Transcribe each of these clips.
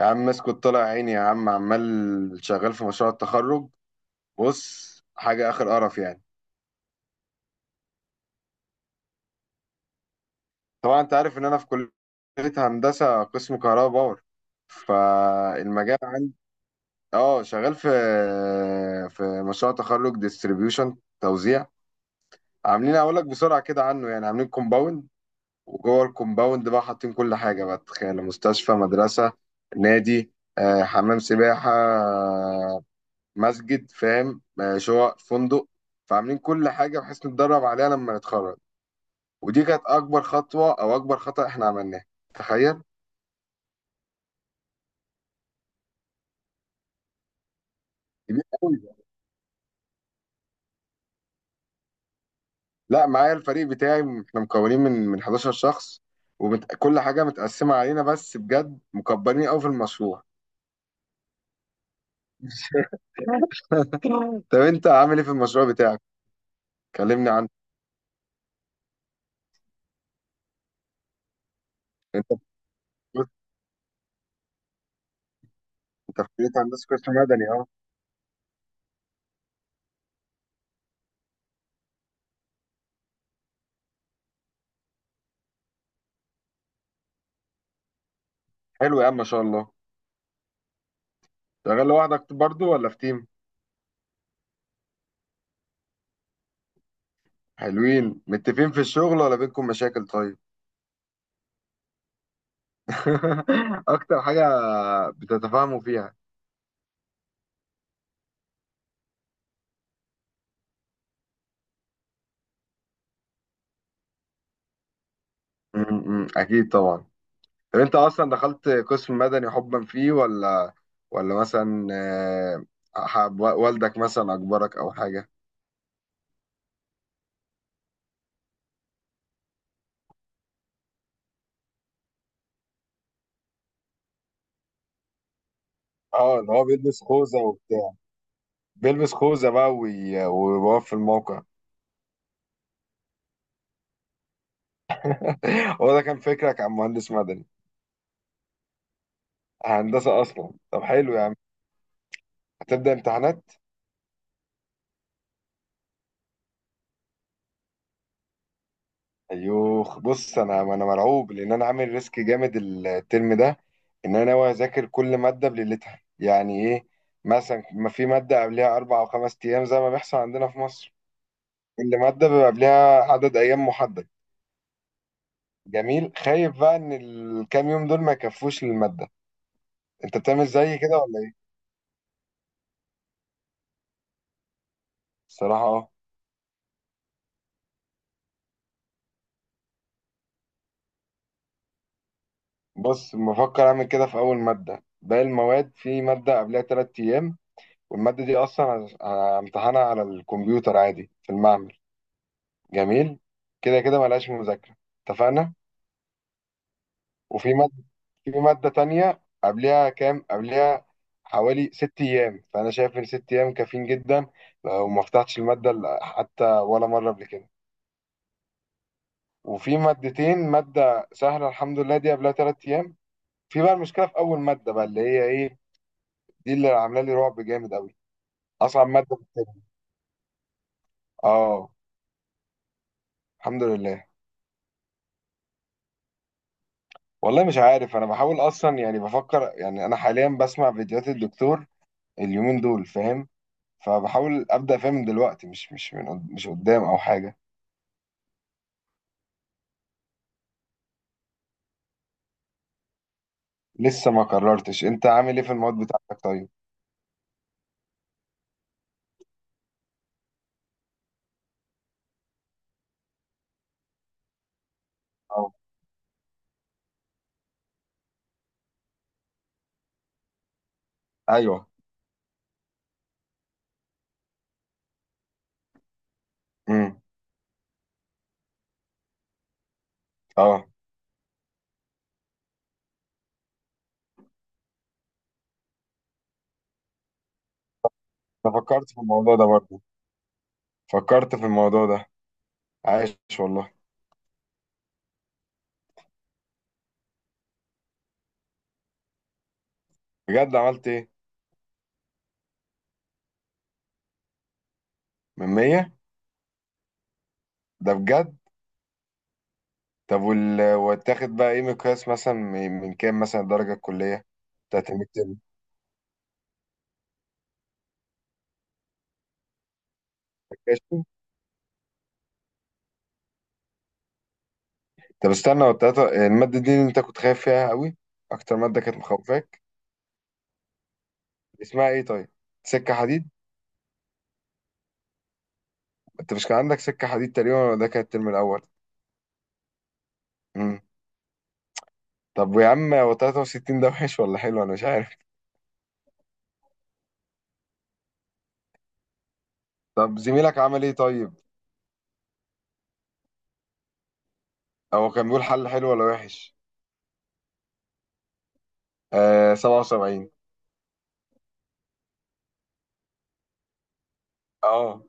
يا عم اسكت، طلع عيني يا عم، عمال شغال في مشروع التخرج. بص حاجة آخر قرف يعني. طبعا انت عارف ان انا في كلية هندسة قسم كهرباء باور، فالمجال عندي. اه شغال في في مشروع تخرج ديستريبيوشن توزيع. عاملين اقول لك بسرعة كده عنه، يعني عاملين كومباوند، وجوه الكومباوند بقى حاطين كل حاجة، بقى تخيل، مستشفى، مدرسة، نادي، حمام سباحة، مسجد، فاهم، شقق فندق. فعاملين كل حاجه بحيث نتدرب عليها لما نتخرج. ودي كانت اكبر خطوه او اكبر خطأ احنا عملناه. تخيل كبير قوي ده. لا معايا الفريق بتاعي، احنا مكونين من 11 شخص، وكل حاجه متقسمه علينا، بس بجد مكبرين قوي في المشروع. طب انت عامل ايه في المشروع بتاعك؟ كلمني عنه. انت في- انت في كليه هندسه قسم مدني اهو. حلو يا عم ما شاء الله. شغال لوحدك برضو ولا في تيم؟ حلوين متفقين في الشغل ولا بينكم مشاكل؟ طيب. اكتر حاجة بتتفاهموا فيها؟ اكيد طبعا. طب انت اصلا دخلت قسم مدني حبا فيه، ولا مثلا حب والدك مثلا اجبرك او حاجة؟ اه اللي هو بيلبس خوذة وبتاع، بيلبس خوذة بقى ويقف في الموقع. هو ده كان فكرك عن مهندس مدني؟ هندسة اصلا. طب حلو يا عم. هتبدأ امتحانات؟ ايوه. بص انا مرعوب، لان انا عامل ريسك جامد الترم ده، ان انا ناوي اذاكر كل ماده بليلتها، يعني ايه؟ مثلا ما في ماده قبلها اربع او خمس ايام زي ما بيحصل عندنا في مصر. كل ماده بيبقى قبلها عدد ايام محدد. جميل. خايف بقى ان الكام يوم دول ما يكفوش للماده. انت بتعمل زي كده ولا ايه؟ الصراحه اه. بص بفكر اعمل كده في اول ماده. باقي المواد في ماده قبلها ثلاث ايام، والماده دي اصلا همتحنها على الكمبيوتر عادي في المعمل. جميل، كده كده ملهاش مذاكرة. اتفقنا. وفي مادة، في مادة تانية قبلها كام؟ قبلها حوالي ست أيام، فأنا شايف إن ست أيام كافيين جدا، لو ما فتحتش المادة حتى ولا مرة قبل كده. وفي مادتين، مادة سهلة الحمد لله دي قبلها تلات أيام. في بقى المشكلة في أول مادة بقى، اللي هي إيه، دي اللي عاملة لي رعب جامد أوي. أصعب مادة في الترم. آه. الحمد لله. والله مش عارف، أنا بحاول أصلا يعني، بفكر يعني، أنا حاليا بسمع فيديوهات الدكتور اليومين دول، فاهم، فبحاول ابدا فيها من دلوقتي، مش مش قدام او حاجه. لسه ما قررتش. انت عامل ايه في المواد بتاعتك طيب؟ أو. ايوه. امم. اه. أنا فكرت في الموضوع ده برضه. فكرت في الموضوع ده عايش والله. بجد عملت ايه؟ من 100؟ ده بجد؟ طب وتاخد بقى ايه مقياس، مثلا من كام مثلا الدرجه الكليه بتاعت الميد تيرم؟ طب استنى، والتلاتة، الماده دي اللي انت كنت خايف فيها قوي، اكتر ماده كانت مخوفاك، اسمها ايه طيب؟ سكه حديد؟ انت مش كان عندك سكة حديد تقريبا، ولا ده كان الترم الأول؟ امم. طب يا عم، هو 63 ده وحش ولا حلو؟ أنا مش عارف. طب زميلك عمل إيه طيب؟ هو كان بيقول حل حلو ولا وحش؟ آه 77. اه،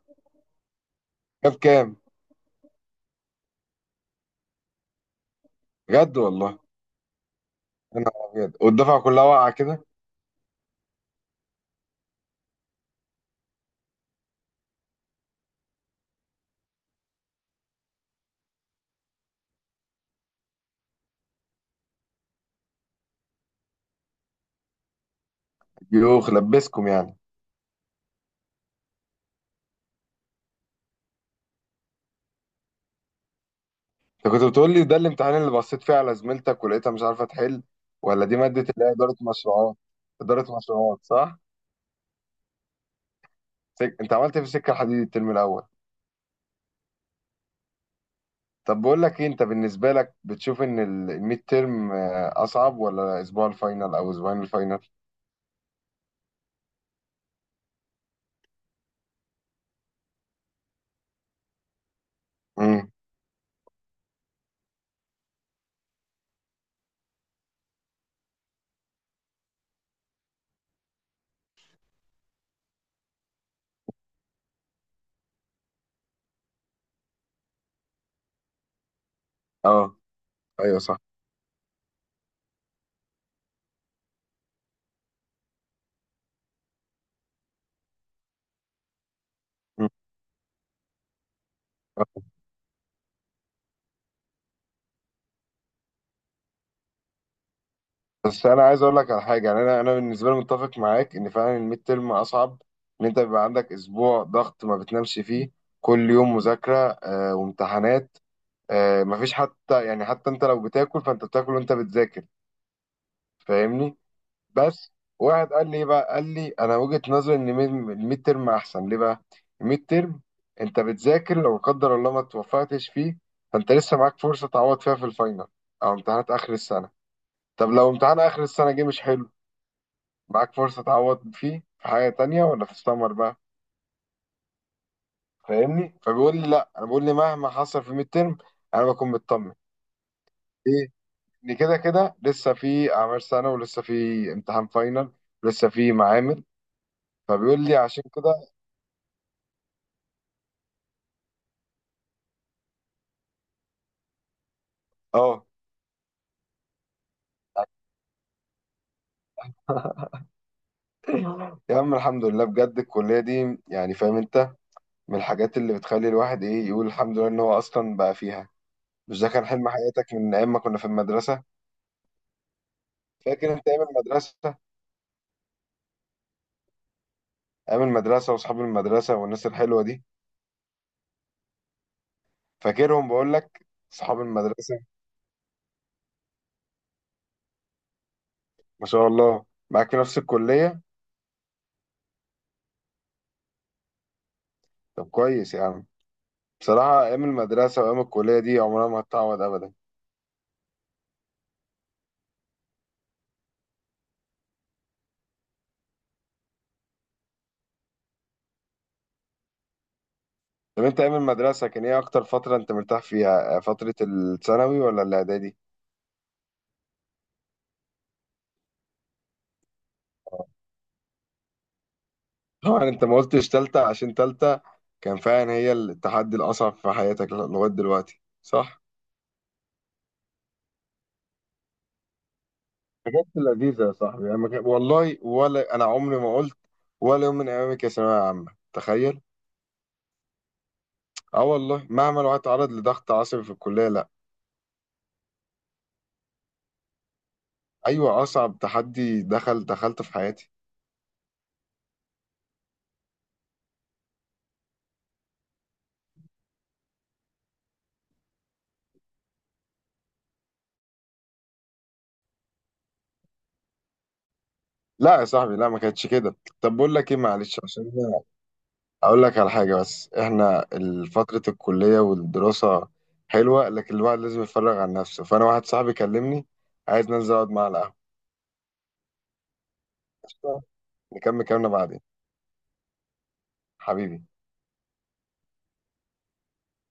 جاب كام؟ بجد والله؟ أنا أبيض، والدفعة كلها واقعة كده. يوخ، لبسكم يعني. انت كنت بتقول لي ده الامتحان اللي بصيت فيه على زميلتك ولقيتها مش عارفة تحل، ولا دي مادة اللي هي إدارة مشروعات؟ إدارة مشروعات صح. انت عملت إيه في السكة الحديد الترم الأول؟ طب بقول لك ايه، انت بالنسبه لك بتشوف ان الميد تيرم اصعب، ولا اسبوع الفاينل او اسبوعين الفاينل؟ امم. اه. ايوه صح. مم. بس انا عايز اقول لك على حاجه يعني، انا بالنسبه لي متفق معاك ان فعلا الميد تيرم اصعب، ان انت بيبقى عندك اسبوع ضغط ما بتنامش فيه، كل يوم مذاكره آه، وامتحانات آه، مفيش حتى يعني، حتى انت لو بتاكل فانت بتاكل وانت بتذاكر، فاهمني؟ بس واحد قال لي إيه بقى، قال لي انا وجهة نظري ان الميد ترم احسن. ليه بقى؟ الميد ترم انت بتذاكر، لو لا قدر الله ما توفقتش فيه، فانت لسه معاك فرصة تعوض فيها في الفاينل، او امتحانات اخر السنة. طب لو امتحان اخر السنة جه مش حلو، معاك فرصة تعوض فيه في حاجة تانية، ولا في السمر بقى. فاهمني؟ فبيقول لي لا، انا بقول لي مهما حصل في الميد ترم انا بكون مطمن. ليه؟ ان كده كده لسه في اعمال سنة، ولسه في امتحان فاينل، ولسه في معامل، فبيقول لي عشان كده. اه يا عم الحمد لله بجد، الكلية دي يعني فاهم انت، من الحاجات اللي بتخلي الواحد ايه، يقول الحمد لله ان هو اصلا بقى فيها. مش ده كان حلم حياتك من ايام ما كنا في المدرسة؟ فاكر انت ايام المدرسة؟ ايام المدرسة واصحاب المدرسة والناس الحلوة دي؟ فاكرهم بقول لك، اصحاب المدرسة. ما شاء الله معاك في نفس الكلية؟ طب كويس يا عم. بصراحة ايام المدرسة وايام الكلية دي عمرها ما هتتعوض ابدا. طب انت ايام المدرسة كان ايه اكتر فترة انت مرتاح فيها، فترة الثانوي ولا الاعدادي؟ طبعا انت ما قلتش تالتة، عشان تالتة كان فعلا هي التحدي الأصعب في حياتك لغاية دلوقتي، صح؟ حاجات لذيذة يا صاحبي يعني، ما كان- والله ولا أنا عمري ما قلت ولا يوم من أيامك يا ثانوية عامة، تخيل. اه والله، مهما الواحد اتعرض لضغط عصبي في الكلية، لا. أيوة، أصعب تحدي دخلته في حياتي. لا يا صاحبي لا، ما كانتش كده. طب بقول لك إيه، معلش عشان اقول لك على حاجه، بس احنا فتره الكليه والدراسه حلوه، لكن الواحد لازم يتفرغ عن نفسه، فانا واحد صاحبي كلمني عايز ننزل اقعد معاه على القهوه. قشطة؟ نكمل كلامنا بعدين. حبيبي.